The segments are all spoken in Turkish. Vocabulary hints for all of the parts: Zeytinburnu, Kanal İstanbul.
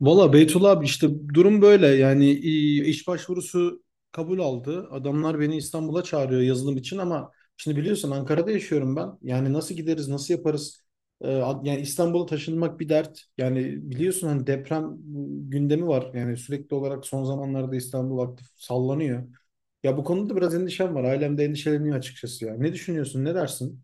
Valla Beytullah abi işte durum böyle yani iş başvurusu kabul aldı. Adamlar beni İstanbul'a çağırıyor yazılım için ama şimdi biliyorsun Ankara'da yaşıyorum ben. Yani nasıl gideriz nasıl yaparız? Yani İstanbul'a taşınmak bir dert. Yani biliyorsun hani deprem gündemi var. Yani sürekli olarak son zamanlarda İstanbul aktif sallanıyor. Ya bu konuda da biraz endişem var. Ailem de endişeleniyor açıkçası ya. Ne düşünüyorsun ne dersin?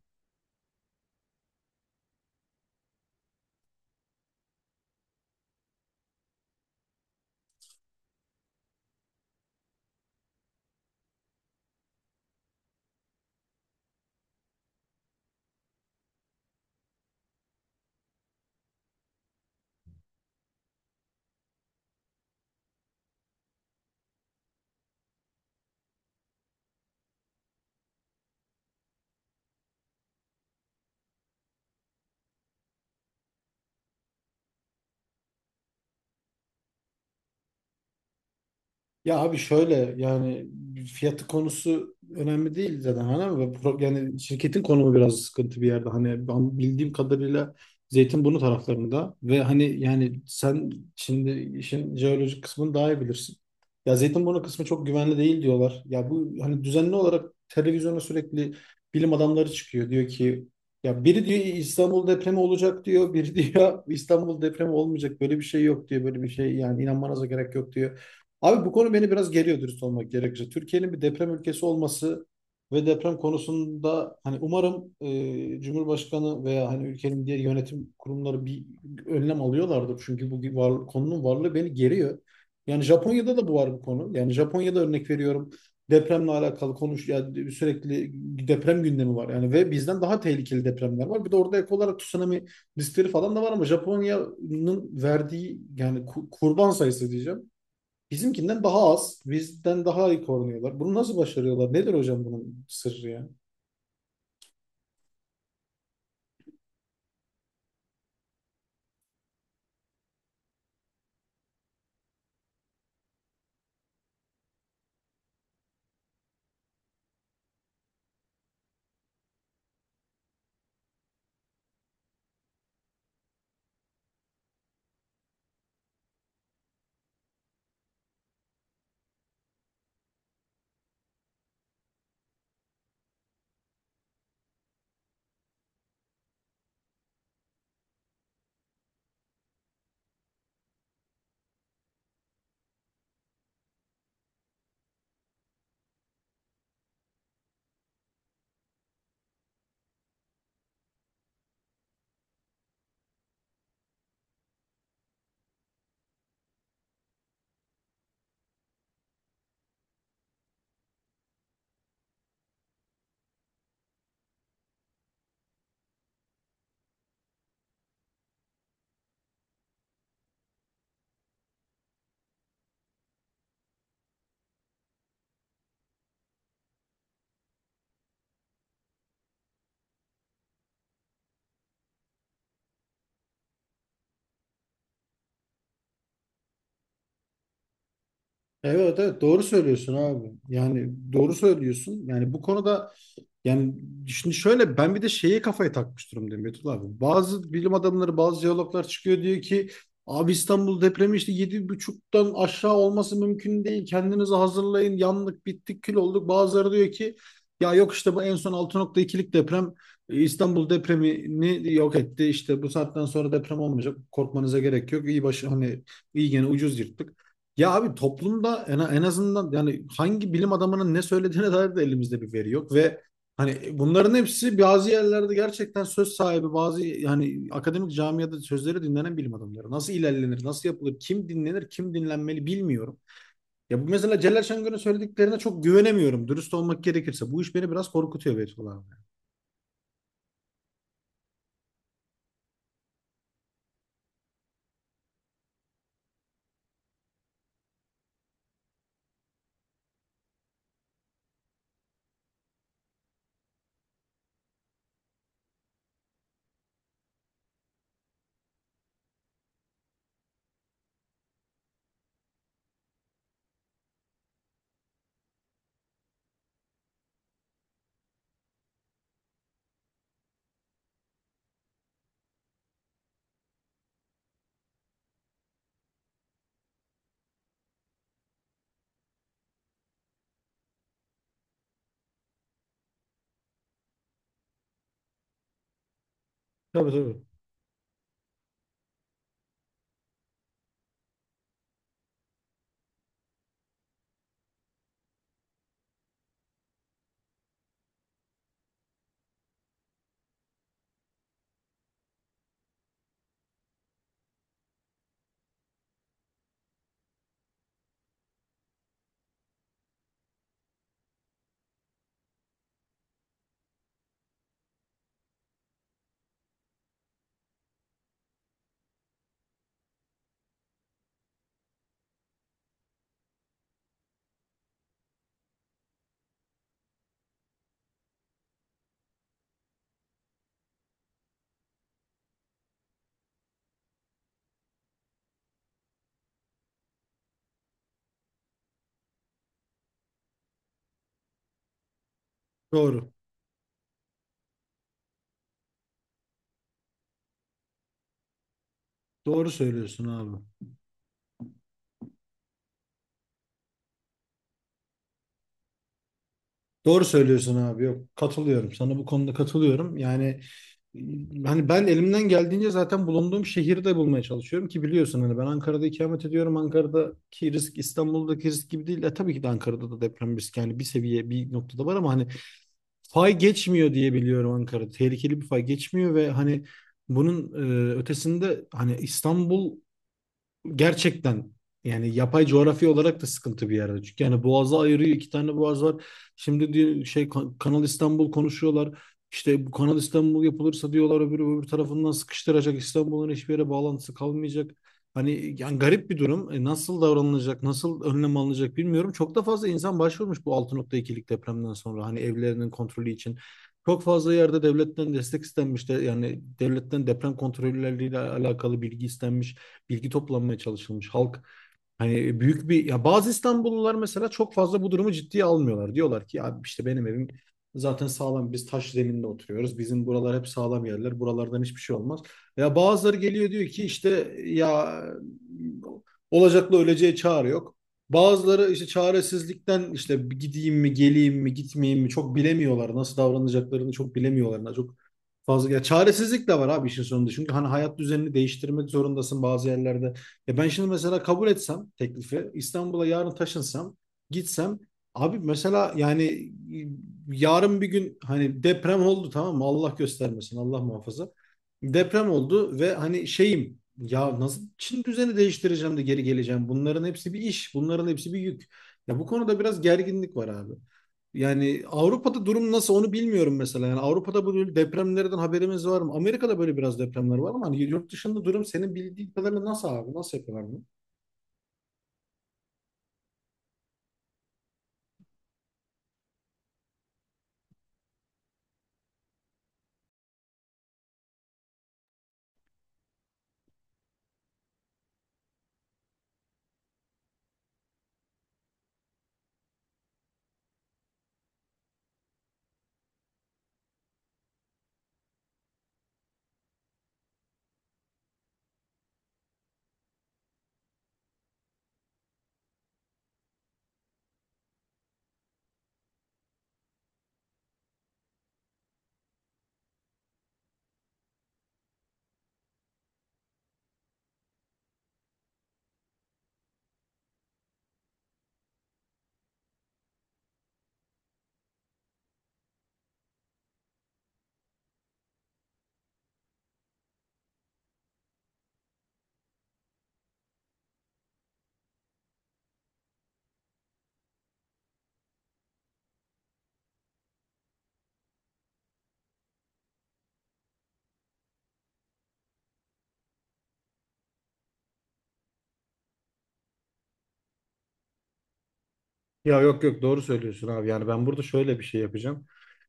Ya abi şöyle yani fiyatı konusu önemli değil zaten hani ama yani şirketin konumu biraz sıkıntı bir yerde hani ben bildiğim kadarıyla Zeytinburnu taraflarında ve hani yani sen şimdi işin jeolojik kısmını daha iyi bilirsin. Ya Zeytinburnu kısmı çok güvenli değil diyorlar. Ya bu hani düzenli olarak televizyona sürekli bilim adamları çıkıyor diyor ki ya biri diyor İstanbul depremi olacak diyor, biri diyor İstanbul depremi olmayacak böyle bir şey yok diyor böyle bir şey yani inanmanıza gerek yok diyor. Abi bu konu beni biraz geriyor dürüst olmak gerekirse. Türkiye'nin bir deprem ülkesi olması ve deprem konusunda hani umarım Cumhurbaşkanı veya hani ülkenin diğer yönetim kurumları bir önlem alıyorlardır. Çünkü bu var, konunun varlığı beni geriyor. Yani Japonya'da da bu var bu konu. Yani Japonya'da örnek veriyorum depremle alakalı konuş yani sürekli deprem gündemi var. Yani ve bizden daha tehlikeli depremler var. Bir de orada ek olarak tsunami riskleri falan da var ama Japonya'nın verdiği yani kurban sayısı diyeceğim. Bizimkinden daha az, bizden daha iyi korunuyorlar. Bunu nasıl başarıyorlar? Nedir hocam bunun sırrı ya? Evet, evet, doğru söylüyorsun abi. Yani doğru söylüyorsun. Yani bu konuda yani şimdi şöyle ben bir de şeye kafayı takmış durumdayım Betül abi. Bazı bilim adamları bazı jeologlar çıkıyor diyor ki abi İstanbul depremi işte 7,5'tan aşağı olması mümkün değil. Kendinizi hazırlayın yandık bittik kül olduk. Bazıları diyor ki ya yok işte bu en son 6.2'lik deprem İstanbul depremini yok etti. İşte bu saatten sonra deprem olmayacak. Korkmanıza gerek yok. İyi başı hani iyi gene ucuz yırttık. Ya abi toplumda en azından yani hangi bilim adamının ne söylediğine dair de elimizde bir veri yok ve hani bunların hepsi bazı yerlerde gerçekten söz sahibi, bazı yani akademik camiada sözleri dinlenen bilim adamları. Nasıl ilerlenir, nasıl yapılır, kim dinlenir, kim dinlenmeli bilmiyorum. Ya bu mesela Celal Şengör'ün söylediklerine çok güvenemiyorum. Dürüst olmak gerekirse. Bu iş beni biraz korkutuyor Beytullah abi. Tabii, tabii. Doğru. Doğru söylüyorsun abi. Doğru söylüyorsun abi. Yok, katılıyorum. Sana bu konuda katılıyorum. Yani e, hani ben elimden geldiğince zaten bulunduğum şehirde bulmaya çalışıyorum ki biliyorsun hani ben Ankara'da ikamet ediyorum. Ankara'daki risk İstanbul'daki risk gibi değil. E, tabii ki de Ankara'da da deprem riski yani bir seviye bir noktada var ama hani fay geçmiyor diye biliyorum Ankara'da. Tehlikeli bir fay geçmiyor ve hani bunun ötesinde hani İstanbul gerçekten yani yapay coğrafi olarak da sıkıntı bir yerde. Çünkü yani boğazı ayırıyor iki tane boğaz var. Şimdi diyor, şey Kanal İstanbul konuşuyorlar. İşte bu Kanal İstanbul yapılırsa diyorlar öbür tarafından sıkıştıracak. İstanbul'un hiçbir yere bağlantısı kalmayacak. Hani yani garip bir durum. E, nasıl davranılacak, nasıl önlem alınacak bilmiyorum. Çok da fazla insan başvurmuş bu 6.2'lik depremden sonra hani evlerinin kontrolü için. Çok fazla yerde devletten destek istenmiş de yani devletten deprem kontrolleriyle alakalı bilgi istenmiş, bilgi toplanmaya çalışılmış. Halk hani büyük bir ya bazı İstanbullular mesela çok fazla bu durumu ciddiye almıyorlar. Diyorlar ki ya işte benim evim zaten sağlam, biz taş zeminde oturuyoruz. Bizim buralar hep sağlam yerler. Buralardan hiçbir şey olmaz. Ya bazıları geliyor diyor ki işte ya olacakla öleceğe çare yok. Bazıları işte çaresizlikten işte gideyim mi geleyim mi gitmeyeyim mi çok bilemiyorlar. Nasıl davranacaklarını çok bilemiyorlar. Çok fazla ya çaresizlik de var abi işin sonunda. Çünkü hani hayat düzenini değiştirmek zorundasın bazı yerlerde. E ben şimdi mesela kabul etsem teklifi, İstanbul'a yarın taşınsam, gitsem abi mesela yani e, yarın bir gün hani deprem oldu tamam mı? Allah göstermesin, Allah muhafaza. Deprem oldu ve hani şeyim ya nasıl Çin düzeni değiştireceğim de geri geleceğim. Bunların hepsi bir iş, bunların hepsi bir yük. Ya bu konuda biraz gerginlik var abi. Yani Avrupa'da durum nasıl onu bilmiyorum mesela. Yani Avrupa'da böyle depremlerden haberimiz var mı? Amerika'da böyle biraz depremler var ama hani yurt dışında durum senin bildiğin kadarıyla nasıl abi? Nasıl yapıyorlar bunu? Ya yok, yok, doğru söylüyorsun abi. Yani ben burada şöyle bir şey yapacağım.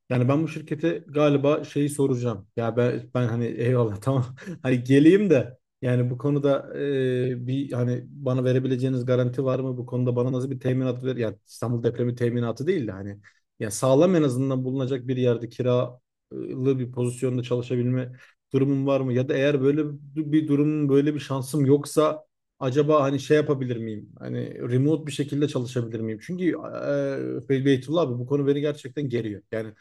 Yani ben bu şirkete galiba şeyi soracağım. Ben hani eyvallah tamam. Hani geleyim de yani bu konuda bir hani bana verebileceğiniz garanti var mı? Bu konuda bana nasıl bir teminat ver? Yani İstanbul depremi teminatı değil de hani ya sağlam en azından bulunacak bir yerde kiralı bir pozisyonda çalışabilme durumum var mı? Ya da eğer böyle bir durum böyle bir şansım yoksa acaba hani şey yapabilir miyim? Hani remote bir şekilde çalışabilir miyim? Çünkü Beytullah abi bu konu beni gerçekten geriyor. Yani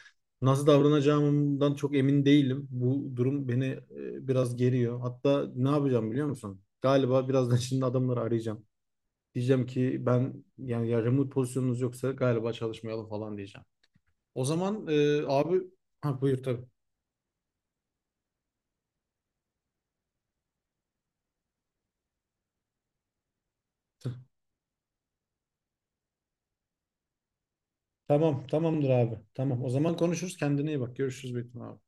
nasıl davranacağımdan çok emin değilim. Bu durum beni biraz geriyor. Hatta ne yapacağım biliyor musun? Galiba birazdan şimdi adamları arayacağım. Diyeceğim ki ben yani ya remote pozisyonunuz yoksa galiba çalışmayalım falan diyeceğim. O zaman abi ha buyur tabii. Tamam, tamamdır abi. Tamam, o zaman konuşuruz. Kendine iyi bak. Görüşürüz Betim abi.